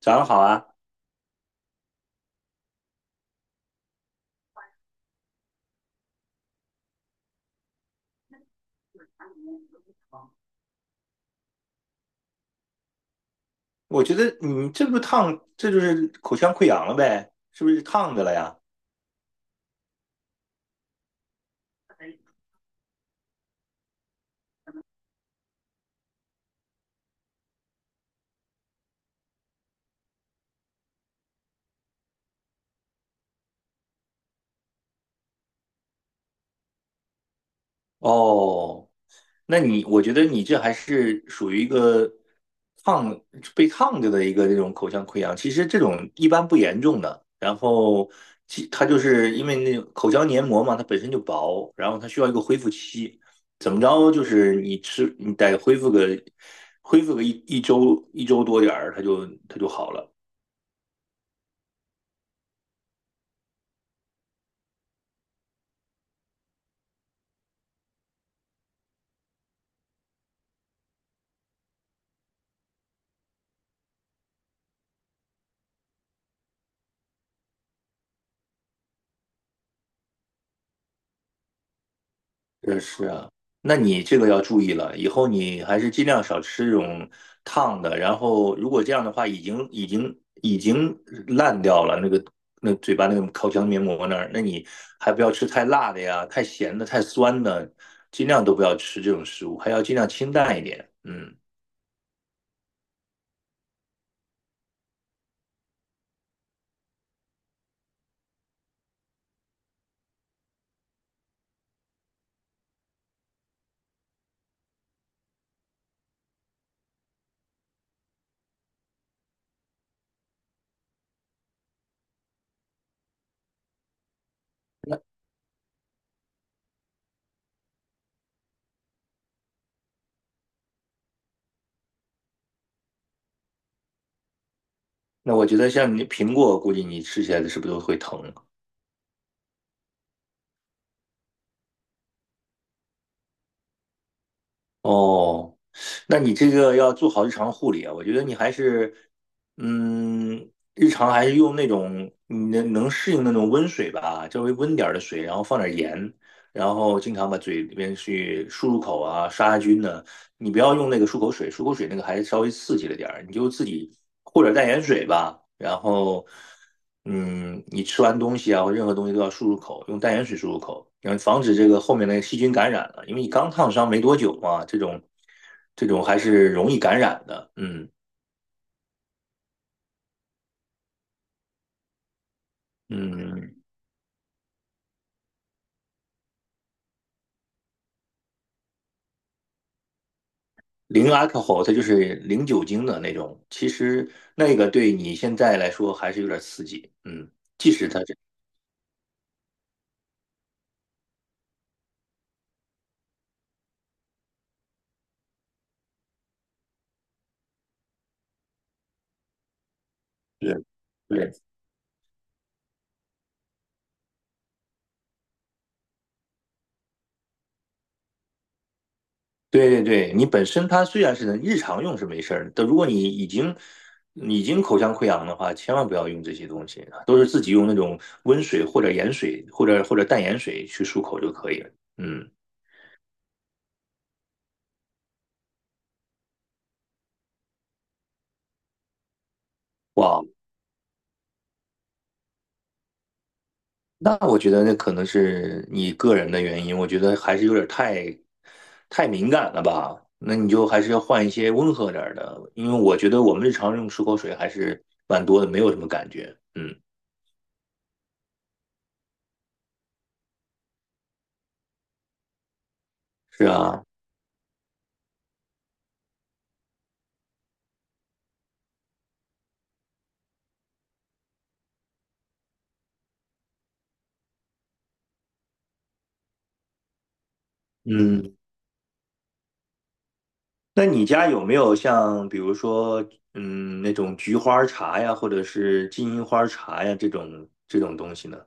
早上好啊！我觉得你这不烫，这就是口腔溃疡了呗？是不是烫的了呀？哦，那你我觉得你这还是属于一个烫被烫着的一个这种口腔溃疡，其实这种一般不严重的。然后其它就是因为那种口腔黏膜嘛，它本身就薄，然后它需要一个恢复期，怎么着就是你得恢复个一周多点儿，它就好了。这是啊，那你这个要注意了，以后你还是尽量少吃这种烫的。然后，如果这样的话，已经烂掉了那嘴巴那个口腔黏膜那儿，那你还不要吃太辣的呀，太咸的、太酸的，尽量都不要吃这种食物，还要尽量清淡一点。嗯，那我觉得像你苹果，估计你吃起来是不是都会疼？哦，那你这个要做好日常护理啊，我觉得你还是，嗯，日常还是用那种你能适应那种温水吧，稍微温点儿的水，然后放点盐，然后经常把嘴里边去漱漱口啊，杀杀菌呢、你不要用那个漱口水，漱口水那个还稍微刺激了点儿，你就自己或者淡盐水吧。然后，嗯，你吃完东西啊或任何东西都要漱漱口，用淡盐水漱漱口，然后防止这个后面的细菌感染了，因为你刚烫伤没多久嘛，这种还是容易感染的。嗯嗯，零 alcohol 它就是零酒精的那种，其实那个对你现在来说还是有点刺激。嗯，即使它这。对对。对对对，你本身它虽然是能日常用是没事儿的，但如果你已经口腔溃疡的话，千万不要用这些东西啊，都是自己用那种温水或者盐水或者淡盐水去漱口就可以了。嗯，哇，那我觉得那可能是你个人的原因，我觉得还是有点太敏感了吧？那你就还是要换一些温和点儿的，因为我觉得我们日常用漱口水还是蛮多的，没有什么感觉。嗯，是啊，嗯。那你家有没有像比如说，嗯，那种菊花茶呀，或者是金银花茶呀这种这种东西呢？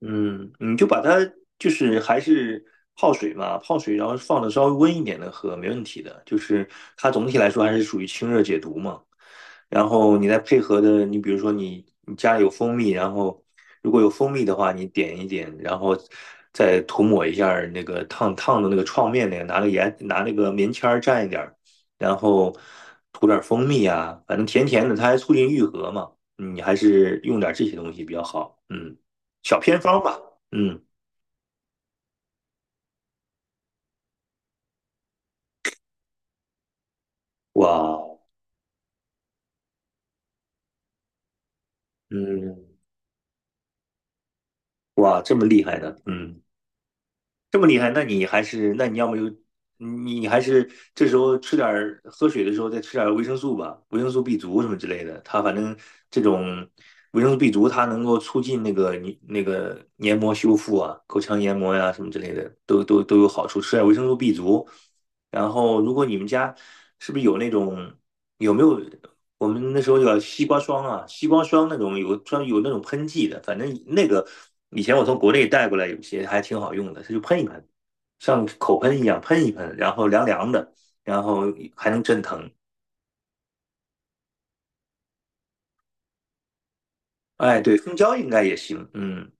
嗯，你就把它就是还是泡水嘛，泡水然后放的稍微温一点的喝，没问题的。就是它总体来说还是属于清热解毒嘛。然后你再配合的，你比如说你家里有蜂蜜，然后如果有蜂蜜的话，你点一点，然后再涂抹一下儿那个烫烫的那个创面那个，拿个盐拿那个棉签儿蘸一点儿然后涂点儿蜂蜜啊，反正甜甜的，它还促进愈合嘛。嗯你还是用点儿这些东西比较好。嗯。小偏方吧。嗯，哇，嗯，哇，这么厉害的，嗯，这么厉害，那你还是，那你要么就，你还是这时候吃点儿喝水的时候再吃点儿维生素吧，维生素 B 族什么之类的。它反正这种维生素 B 族，它能够促进那个你那个黏膜修复啊，口腔黏膜呀、什么之类的，都有好处。吃点维生素 B 族，然后如果你们家是不是有那种有没有我们那时候有西瓜霜啊，西瓜霜那种有专有那种喷剂的，反正那个以前我从国内带过来，有些还挺好用的，它就喷一喷，像口喷一样喷一喷，然后凉凉的，然后还能镇疼。哎，对，蜂胶应该也行，嗯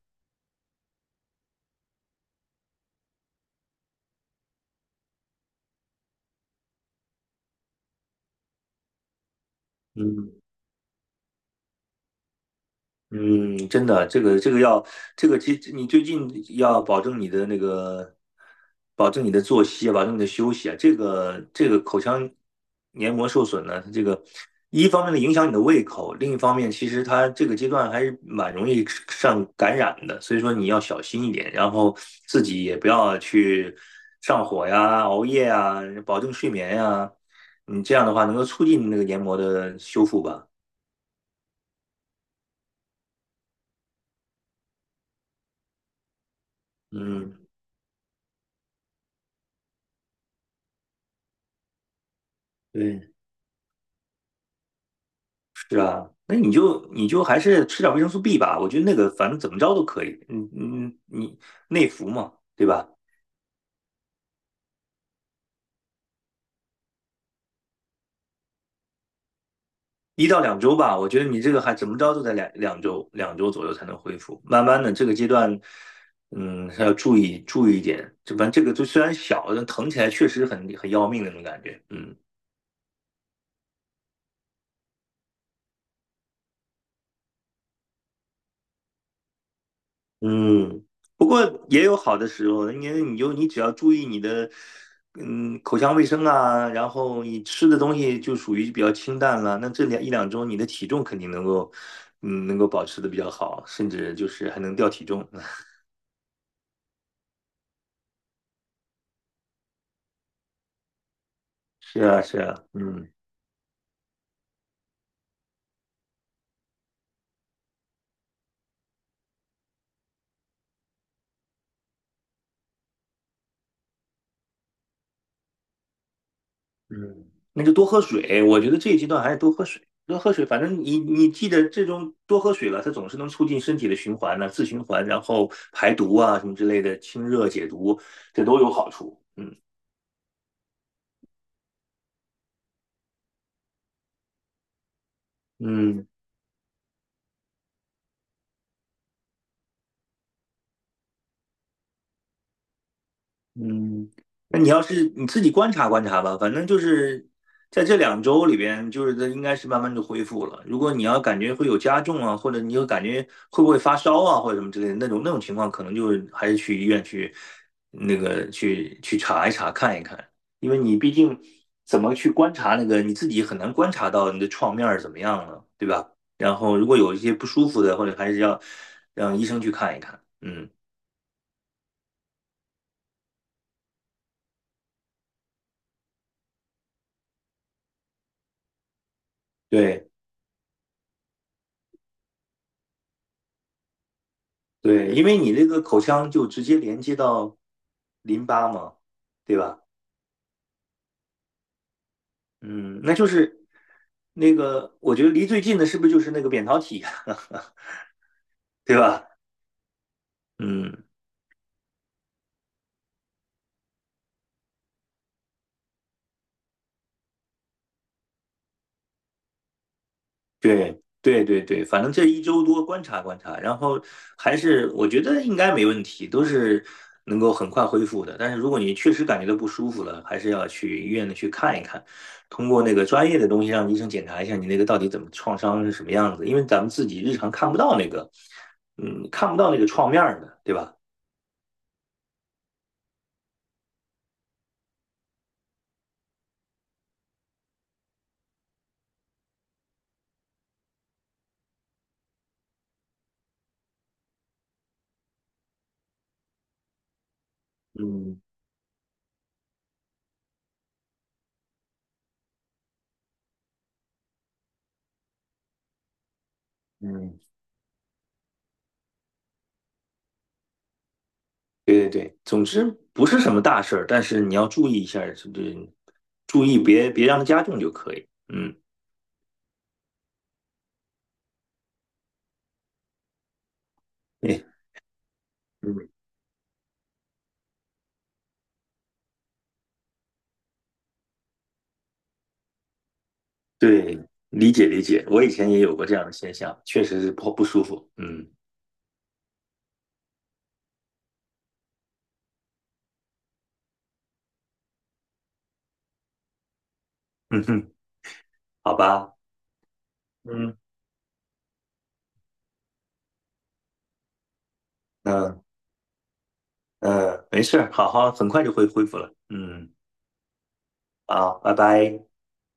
嗯。嗯，真的，这个这个要，这个其实你最近要保证你的那个，保证你的作息啊，保证你的休息啊。这个这个口腔黏膜受损呢，它这个一方面呢影响你的胃口，另一方面其实它这个阶段还是蛮容易上感染的，所以说你要小心一点，然后自己也不要去上火呀、熬夜呀，保证睡眠呀。你这样的话能够促进那个黏膜的修复吧。嗯，对。是啊，那你就你就还是吃点维生素 B 吧，我觉得那个反正怎么着都可以，嗯嗯，你内服嘛，对吧？一到两周吧，我觉得你这个还怎么着都在两周左右才能恢复，慢慢的这个阶段，嗯，还要注意注意一点，这反正这个就虽然小，但疼起来确实很要命那种感觉，嗯。嗯，不过也有好的时候，因为你就你只要注意你的，嗯，口腔卫生啊，然后你吃的东西就属于比较清淡了，那这一两周你的体重肯定能够，嗯，能够保持的比较好，甚至就是还能掉体重。是啊，是啊，嗯嗯，那就多喝水，我觉得这一阶段还是多喝水，多喝水，反正你记得这种多喝水了，它总是能促进身体的循环呢、自循环，然后排毒啊什么之类的，清热解毒，这都有好处。嗯。嗯嗯，那你要是你自己观察观察吧，反正就是在这两周里边，就是它应该是慢慢就恢复了。如果你要感觉会有加重啊，或者你有感觉会不会发烧啊，或者什么之类的那种情况，可能就是还是去医院去那个去查一查看一看，因为你毕竟怎么去观察那个你自己很难观察到你的创面儿怎么样了，对吧？然后如果有一些不舒服的，或者还是要让医生去看一看。嗯，对。对，因为你那个口腔就直接连接到淋巴嘛，对吧？嗯，那就是那个，我觉得离最近的是不是就是那个扁桃体，对吧？嗯，对对对对，反正这一周多观察观察，然后还是我觉得应该没问题，都是能够很快恢复的。但是如果你确实感觉到不舒服了，还是要去医院的去看一看，通过那个专业的东西让医生检查一下你那个到底怎么创伤是什么样子，因为咱们自己日常看不到那个，嗯，看不到那个创面儿的，对吧？嗯嗯，对对对，总之不是什么大事儿，但是你要注意一下，是不是？注意别让它加重就可以。嗯，对。嗯对，理解理解，我以前也有过这样的现象，确实是不舒服。嗯嗯哼，好吧，嗯，嗯嗯，没事儿好好，很快就会恢复了。嗯，好，拜拜。